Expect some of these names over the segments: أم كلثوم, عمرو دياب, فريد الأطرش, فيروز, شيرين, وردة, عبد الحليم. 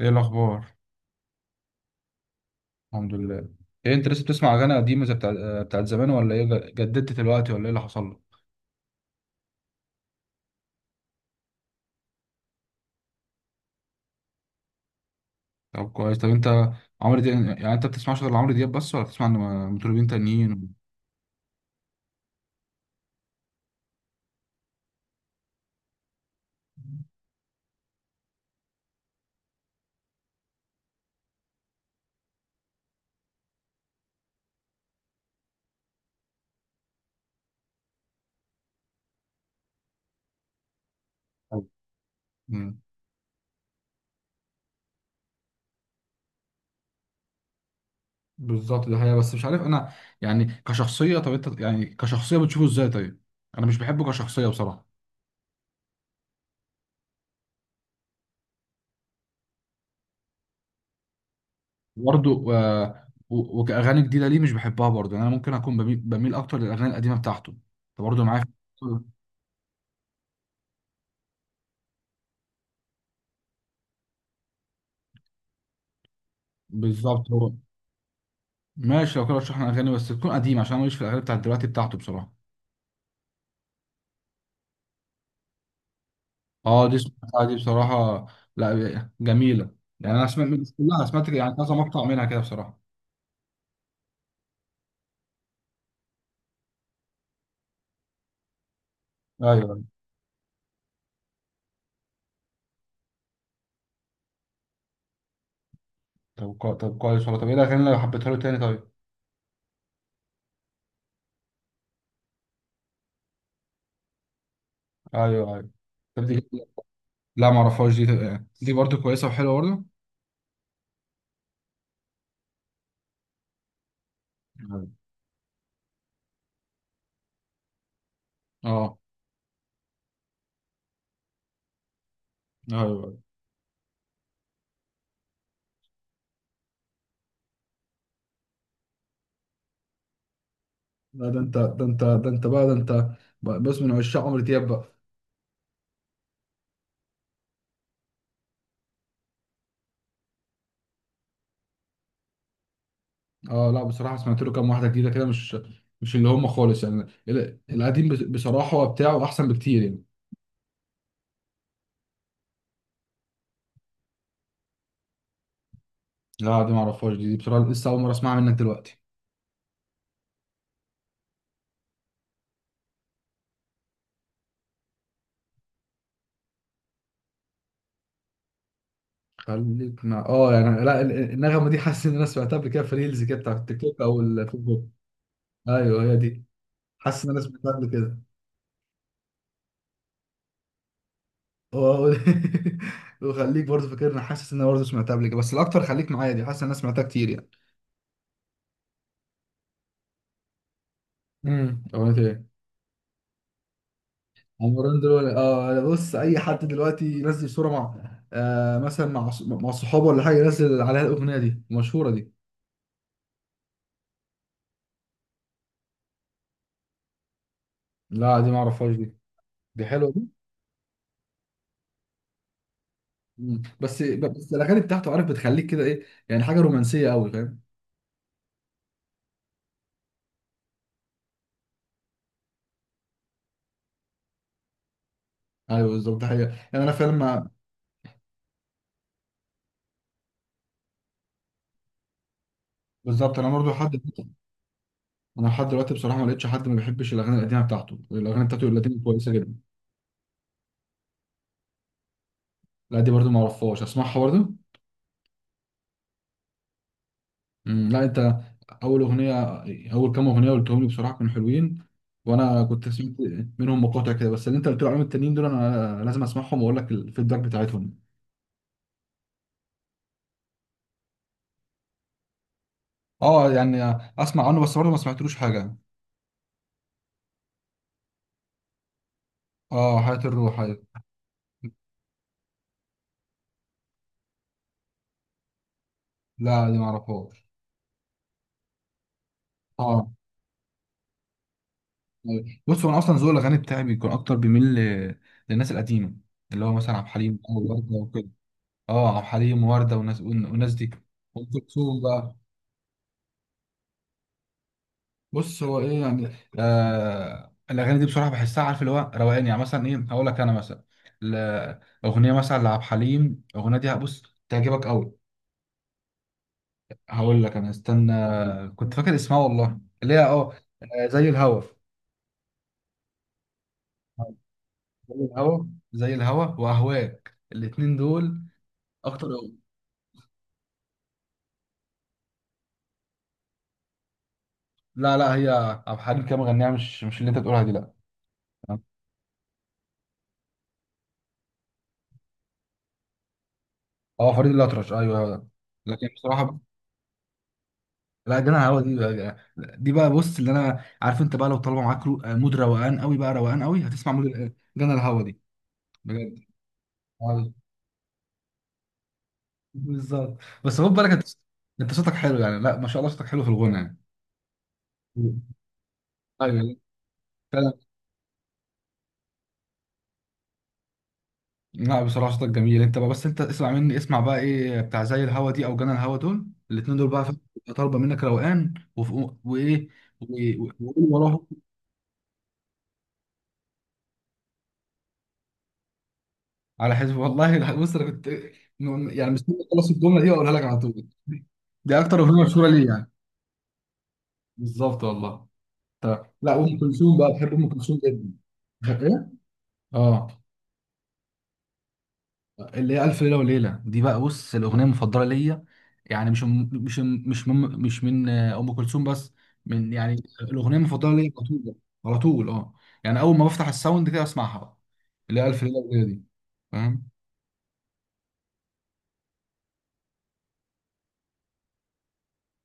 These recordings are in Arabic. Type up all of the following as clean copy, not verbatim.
ايه الاخبار؟ الحمد لله. ايه انت لسه بتسمع اغاني قديمه زي بتاعت زمان ولا ايه؟ جددت دلوقتي ولا ايه اللي حصل لك؟ طب كويس. طب انت عمرو دياب يعني انت بتسمعش غير عمرو دياب بس ولا بتسمع مطربين تانيين؟ و... مم. بالظبط ده، هي بس مش عارف انا يعني كشخصيه. طب انت يعني كشخصيه بتشوفه ازاي؟ طيب، انا مش بحبه كشخصيه بصراحه. برضه آه، و... وكاغاني جديده ليه مش بحبها؟ برضه يعني انا ممكن اكون بميل اكتر للاغاني القديمه بتاعته. انت برضه معايا؟ في- بالظبط. هو ماشي، لو كده رشح لنا اغاني بس تكون قديمه عشان انا ماليش في الاغاني بتاعت دلوقتي بتاعته بصراحه. اه، دي سمعتها دي بصراحه. لا، جميله. يعني انا سمعت، مش كلها سمعت، يعني كذا مقطع منها كده بصراحه. ايوه. طب كويس والله. طب ايه الاغاني اللي حبيتها له تاني؟ طيب، ايوه ايوه. طب دي؟ لا ما اعرفهاش دي برضه كويسه وحلوه برضه. أيوة. اه، ايوه، أيوة. لا، ده انت، ده انت، ده انت بقى، ده انت بص، من عشاق عمرو دياب بقى. اه، لا بصراحه سمعت له كام واحده جديده كده، مش اللي هم خالص. يعني القديم بصراحه هو بتاعه احسن بكتير يعني. لا دي ما اعرفهاش دي بصراحه لسه اول مره اسمعها منك دلوقتي. خليك مع اه يعني، لا، النغمه دي، حاسس ان انا سمعتها قبل كده في ريلز كده بتاع التيك توك او الفيسبوك. ايوه، هي دي. حاسس ان انا سمعتها قبل كده. آه، و- وخليك برضه فاكرني، حاسس ان انا برضه سمعتها قبل كده، بس الاكتر خليك معايا دي، حاسس ان انا سمعتها كتير يعني. اغنيه ايه؟ عمران دلوقتي. اه، أنا بص، اي حد دلوقتي ينزل صوره مع مثلا مع مع صحابه ولا حاجه، ينزل عليها الاغنيه دي المشهوره دي. لا دي ما اعرفهاش دي. دي حلوه دي. مم. بس الاغاني بتاعته، عارف، بتخليك كده، ايه يعني، حاجه رومانسيه قوي، فاهم؟ ايوه بالظبط حقيقة. يعني انا فعلا ما، بالظبط، انا برضه لحد، انا لحد دلوقتي بصراحه ما لقيتش حد ما بيحبش الاغاني القديمه بتاعته. الاغاني بتاعته القديمه كويسه جدا. لا دي برضه ما اعرفهاش، اسمعها برضه. مم. لا انت، اول اغنيه اول كام اغنيه قلتهم لي بصراحه كانوا حلوين، وانا كنت سمعت منهم مقاطع كده، بس اللي انت قلت لي عليهم التانيين دول انا لازم اسمعهم واقول لك الفيدباك بتاعتهم. اه يعني، اسمع عنه بس برضه ما سمعتلوش حاجه. اه، حياه الروح، أيوة. لا، دي ما اعرفهاش. اه، أيوة. بص، هو انا اصلا ذوق الاغاني بتاعي بيكون اكتر، بيميل للناس القديمه، اللي هو مثلا عبد الحليم او ورده وكده. اه، عبد الحليم وورده، والناس دي. ام كلثوم بقى. بص هو ايه يعني، الاغاني دي بصراحه بحسها، عارف، اللي هو روقان يعني، مثلا ايه، هقول لك انا مثلا، ل- اغنيه مثلا لعبد الحليم. الاغنيه دي بص تعجبك قوي. هقول لك انا، استنى، كنت فاكر اسمها والله، اللي هي زي الهوا. زي الهوا زي الهوا واهواك، الاتنين دول اكتر أغنية. لا لا، هي عبد الحليم كده مغنيها، مش اللي انت بتقولها دي لا. اه، فريد الأطرش، ايوه هو ده. لكن بصراحه، لا جدع، هو دي بقى بص، اللي انا عارف انت بقى، لو طالبه معاك مود روقان قوي بقى، روقان قوي، هتسمع مود جنى الهوا دي بجد. آه، بالظبط. بس خد بالك انت، انت صوتك حلو يعني، لا ما شاء الله صوتك حلو في الغنى يعني. ايوه فعلا. لا بصراحه صوتك جميل انت بقى، بس انت اسمع مني، اسمع بقى، ايه بتاع زي الهوا دي او جنى الهوا، دول الاثنين دول بقى فاهم. طالبه منك روقان وايه، وقول وراهم. على حسب والله، بص انا كنت يعني مستني اخلص الجمله دي واقولها لك على طول. دي اكتر اغنيه مشهوره ليه يعني. بالظبط والله. طب لا، ام كلثوم بقى، بحب ام كلثوم جدا. ايه؟ اه، اللي هي الف ليله وليله دي بقى، بص الاغنيه المفضله ليا. يعني مش من ام كلثوم بس، من يعني الاغنيه المفضله ليا على طول، على طول. اه يعني اول ما بفتح الساوند كده اسمعها بقى، اللي هي الف ليله وليله دي، فاهم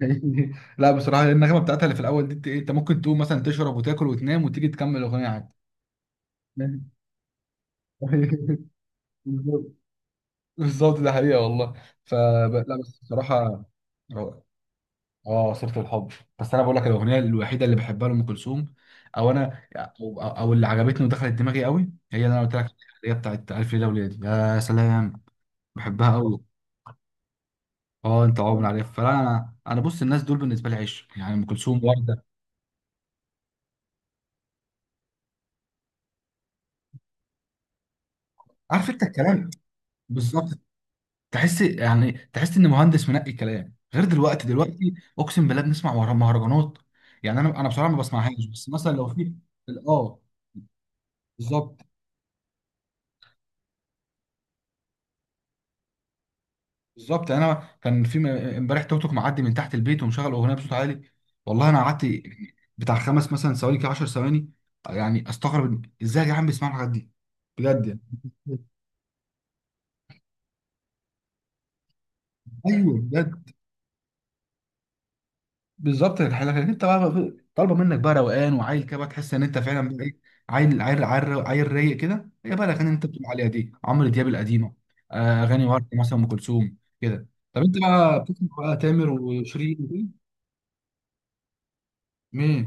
فاهمني؟ لا بصراحه، النغمه بتاعتها اللي في الاول دي، انت إيه، أنت ممكن تقوم مثلا تشرب وتاكل وتنام وتيجي تكمل الاغنيه عادي. فاهم؟ بالظبط، بالظبط، ده حقيقه والله. لا بس بصراحه، روعة. اه، سيره الحب. بس انا بقول لك الاغنيه الوحيده اللي بحبها لام كلثوم، او انا أو اللي عجبتني ودخلت دماغي قوي هي اللي انا قلت لك عليها، اللي هي بتاعت الف ليله وليله. يا سلام، بحبها قوي. اه، انت عمر عليها، فانا انا انا بص الناس دول بالنسبه لي عشق، يعني ام كلثوم، ورده. عارف انت الكلام. بالظبط، تحس ان مهندس منقي كلام، غير دلوقتي. دلوقتي اقسم بالله بنسمع مهرجانات. يعني انا بصراحه ما بسمعهاش، بس مثلا لو في، اه، بالظبط بالظبط. يعني انا كان في امبارح توك توك معدي من تحت البيت ومشغل اغنيه بصوت عالي، والله انا قعدت بتاع خمس مثلا ثواني كده، 10 ثواني، يعني استغرب ازاي يا جدعان بيسمعوا الحاجات دي، بجد، يعني ايوه بجد. بالظبط لكن انت بقى، طالبه منك بقى روقان وعيل كده بقى، تحس ان انت فعلا بقى ايه، عيل عيل عيل عيل رايق كده، هي بقى الاغاني اللي انت بتقول عليها دي، عمرو دياب القديمه، اغاني ورد مثلا، ام كلثوم كده. طب انت بقى بتسمع بقى تامر وشيرين وكده؟ مين؟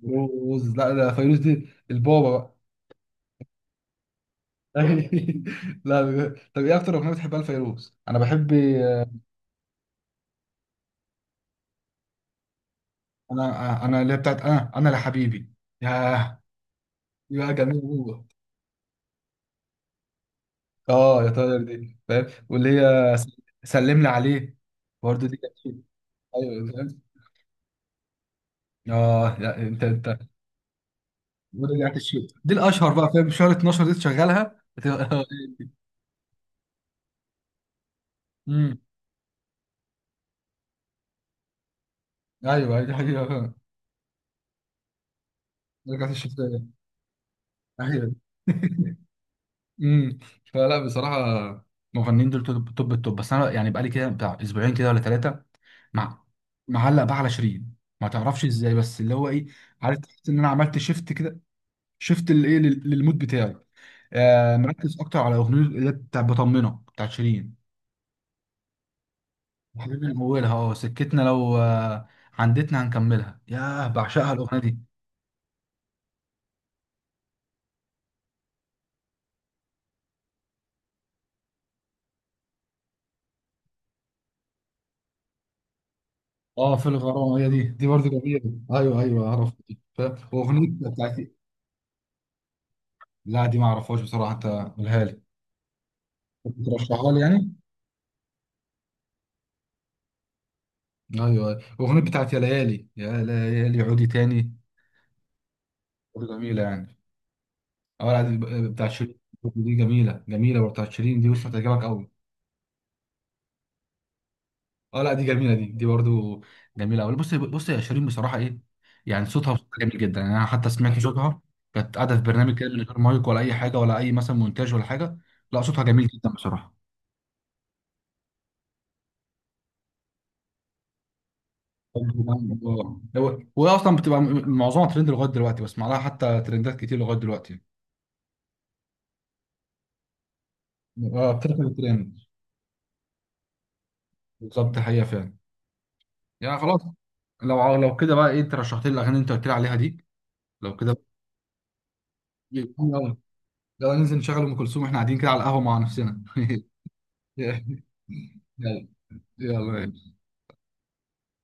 فيروز. لا ده فيروز دي البابا بقى. لا بجد. طب ايه اكتر اغنيه بتحبها لفيروز؟ انا بحب انا انا اللي هي بتاعت، انا لحبيبي. ياه، يا جميل. اه، يا طاير دي فاهم، واللي هي سلمنا عليه، برضه دي كانت شيء. ايوه فاهم. اه، لا انت رجعت الشيء دي الاشهر بقى فاهم، شهر 12 دي تشغلها امم ايوه ايوه، دي حقيقه فاهم. رجعت الشيء تاني. ايوه. امم فلا بصراحه، المغنيين دول توب توب التوب، بس انا يعني بقالي كده بتاع اسبوعين كده ولا ثلاثه، مع معلق بقى على شيرين، ما تعرفش ازاي، بس اللي هو ايه، عارف، تحس ان انا عملت شيفت، شفت الايه للمود بتاعي. مركز اكتر على اغنيه اللي هي بتاع بطمنه بتاعت شيرين. الحاجات من اولها، اه سكتنا لو عندتنا هنكملها. ياه، بعشقها الاغنيه دي. اه، في الغرام. هي دي برضه جميله. ايوه ايوه، اعرف دي، واغنيه بتاعتي. لا دي ما اعرفهاش بصراحه، انت قولها لي. بترشحها لي يعني. ايوه ايوه. اغنيه بتاعت يا ليالي، يا ليالي عودي تاني، برضه جميله يعني. اه، لا، دي بتاعت شيرين. دي جميله جميله برضه بتاعت شيرين دي، بص هتعجبك قوي. اه، لا دي جميله دي برضو جميله قوي. بص بص يا شيرين بصراحه، ايه يعني، صوتها صوتها جميل جدا يعني. انا حتى سمعت صوتها كانت قاعده في برنامج كده من غير مايك ولا اي حاجه ولا اي مثلا مونتاج ولا حاجه، لا صوتها جميل جدا بصراحه. آه. وهي اصلا بتبقى معظمها ترند لغايه دلوقتي، بسمع لها حتى ترندات كتير لغايه دلوقتي. اه، بتركب الترند. بالظبط حقيقه فعلا، يعني خلاص. لو لو كده بقى ايه انت رشحت لي الاغاني اللي انت قلت لي عليها دي، لو كده يلا، يلا ننزل نشغل ام كلثوم واحنا قاعدين كده على القهوه مع نفسنا. يلا يلا